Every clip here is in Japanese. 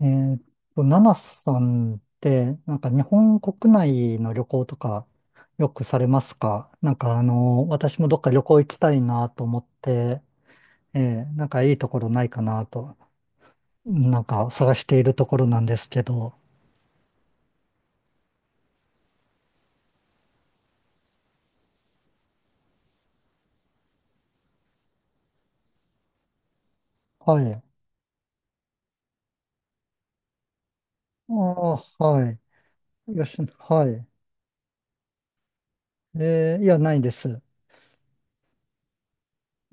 えーっナナさんって、なんか日本国内の旅行とかよくされますか？なんか私もどっか旅行行きたいなと思って、えなんかいいところないかなと、なんか探しているところなんですけど。はい。ああ、はい。よし、はい。いや、ないです。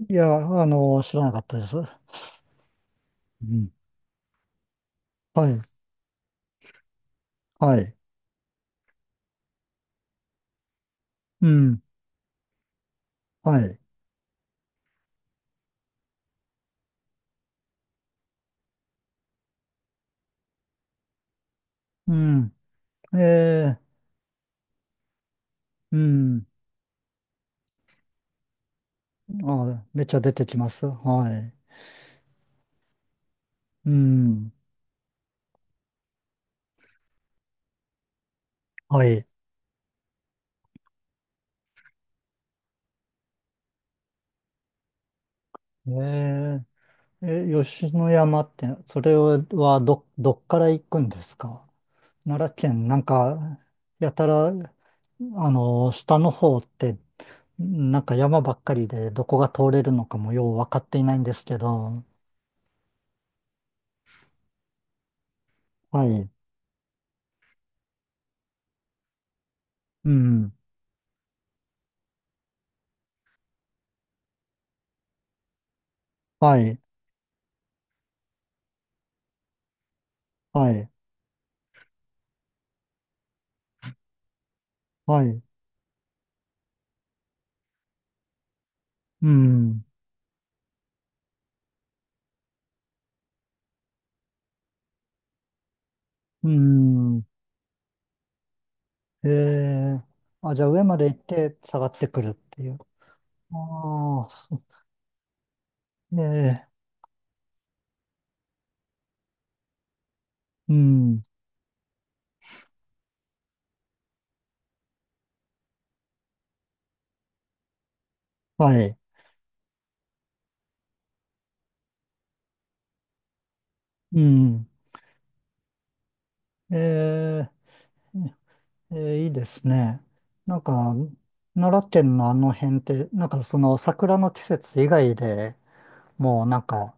いや、あの、知らなかったです。うん。はい。はい。うん。はい。うん。えー、うん。あ、めっちゃ出てきます。はい。うん。はい。ええ、吉野山って、それはどっから行くんですか？奈良県、なんか、やたら、あの、下の方って、なんか山ばっかりで、どこが通れるのかもよう分かっていないんですけど。はい。うん。はい。はい。はい。うん。うん。ええ、あ、じゃあ上まで行って下がってくるっていう。ああ。ええ、うん、はい、うん、ええ、ええいいですね。なんか、奈良県のあの辺って、なんかその桜の季節以外でもうなんか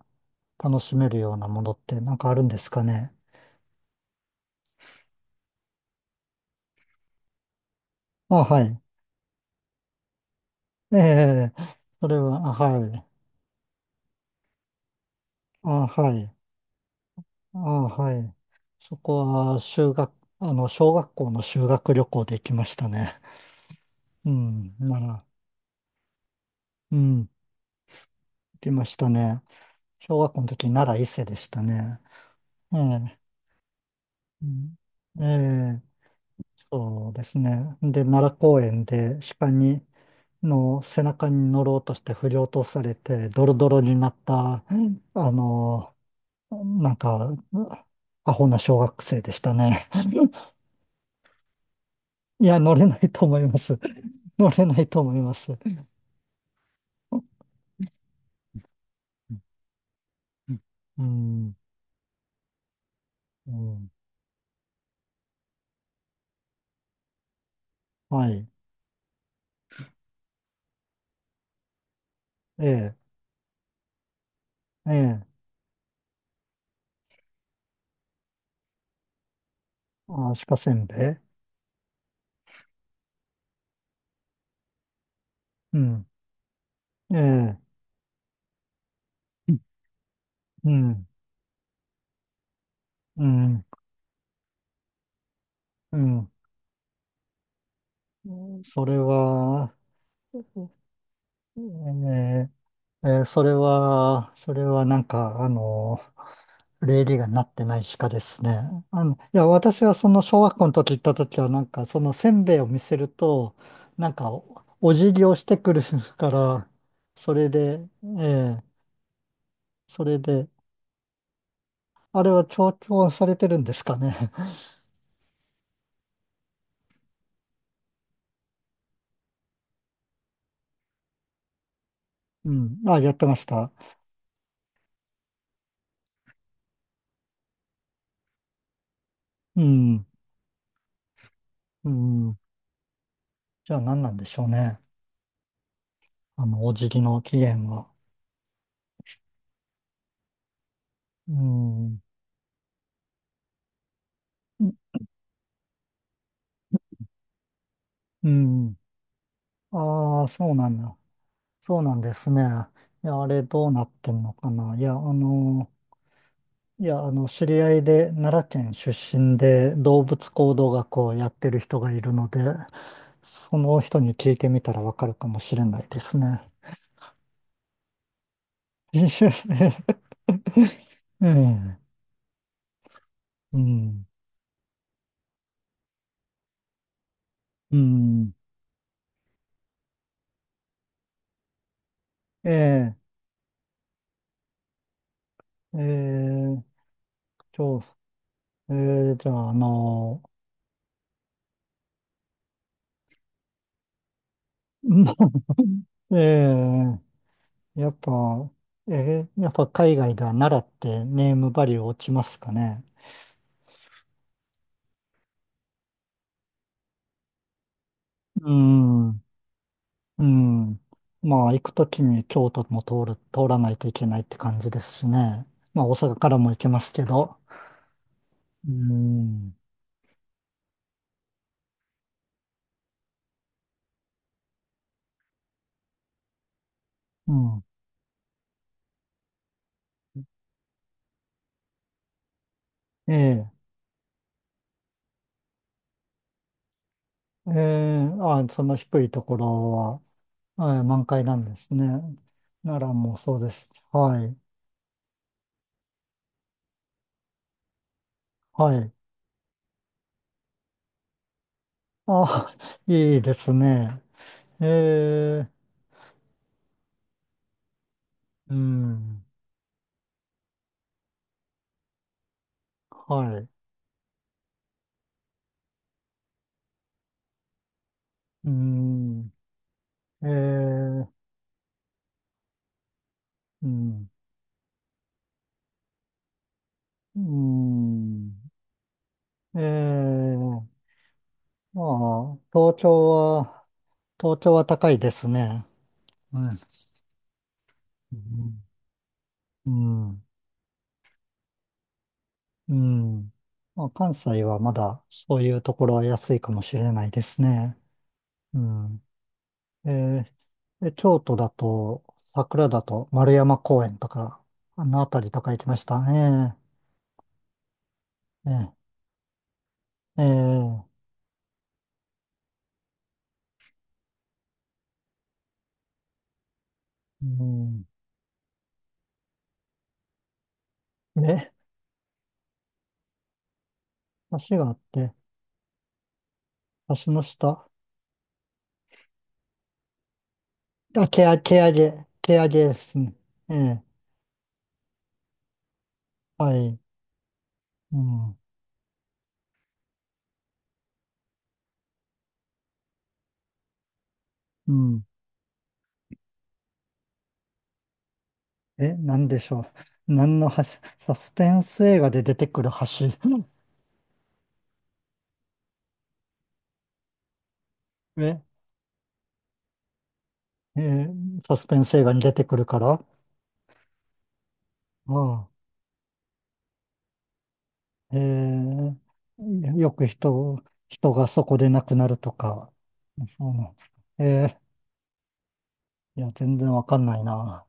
楽しめるようなものってなんかあるんですかね？あ、はい。ええ、それは、あ、はい。あ、はい。あ、はい。そこは修学、あの、小学校の修学旅行で行きましたね。うん、なら、うん、行きましたね。小学校の時、奈良伊勢でしたね。ええ、うん、ええ、そうですね。で、奈良公園で鹿に、の背中に乗ろうとして振り落とされて、ドロドロになった、うん、あの、なんか、アホな小学生でしたね。いや、乗れないと思います。乗れないと思います。うん、うん、はい。ええ、ええ、あ、鹿せんべい。うん、ええ、うん、うん。うん。それは、えーそれは、それはなんか、あの、礼儀がなってない鹿ですね。あの、いや、私はその小学校の時行った時は、なんかそのせんべいを見せると、なんかお辞儀をしてくるから、それで、ええ、それで、あれは調教されてるんですかね？うん。あ、やってました。うん。うん。じゃあ何なんでしょうね。あの、お辞儀の起源は。うん。うん。ああ、そうなんだ。そうなんですね。いや、あれどうなってんのかな。いや、あの、いや、あの、知り合いで奈良県出身で動物行動学をやってる人がいるので、その人に聞いてみたらわかるかもしれないですね。うん。うん。うん。ええ、ええ、そう、ええ、じゃあ、あの、ええやっぱ、やっぱ海外では奈良ってネームバリュー落ちますかね？うん、うん。まあ、行くときに京都も通らないといけないって感じですしね。まあ、大阪からも行けますけど。うん、うん。ええ、ええ、あ、その低いところは、ええ満開なんですね。奈良もそうです。はい、はい。あ、いいですね。ええ、うん、はい。うん、えー、うん、うん、えー、まあ、東京は、東京は高いですね。うん、うん、うん。うん、まあ、関西はまだそういうところは安いかもしれないですね。うん。えー、で京都だと、桜だと丸山公園とか、あの辺りとか行きましたね。ええ、ええ、うん。ね、橋があって、足の下。毛上げですね。ええ、はい。うん、うん。え、なんでしょう。何の橋、サスペンス映画で出てくる橋。え、ええ、サスペンス映画に出てくるから。ああ、ええ、よく人、人がそこで亡くなるとか。そうなんですか？ええ、いや、全然わかんないな。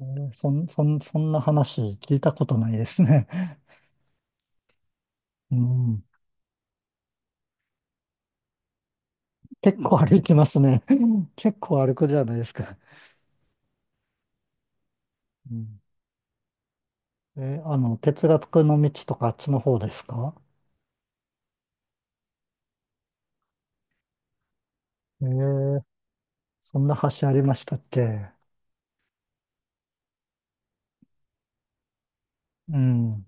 ええ、そんな話聞いたことないですね。うん、結構歩きますね。結構歩くじゃないですか。うん、え、あの、哲学の道とかあっちの方ですか？えー、そんな橋ありましたっけ？うん。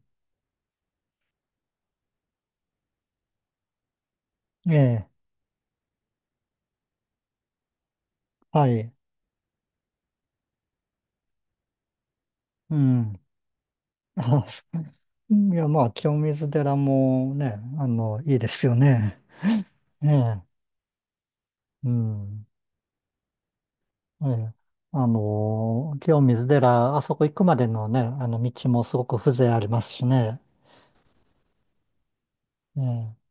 ええ、はい。うん。あ、そういや、まあ、清水寺もね、あの、いいですよね。ええ、うん。ええ、あの、清水寺、あそこ行くまでのね、あの、道もすごく風情ありますしね。ええ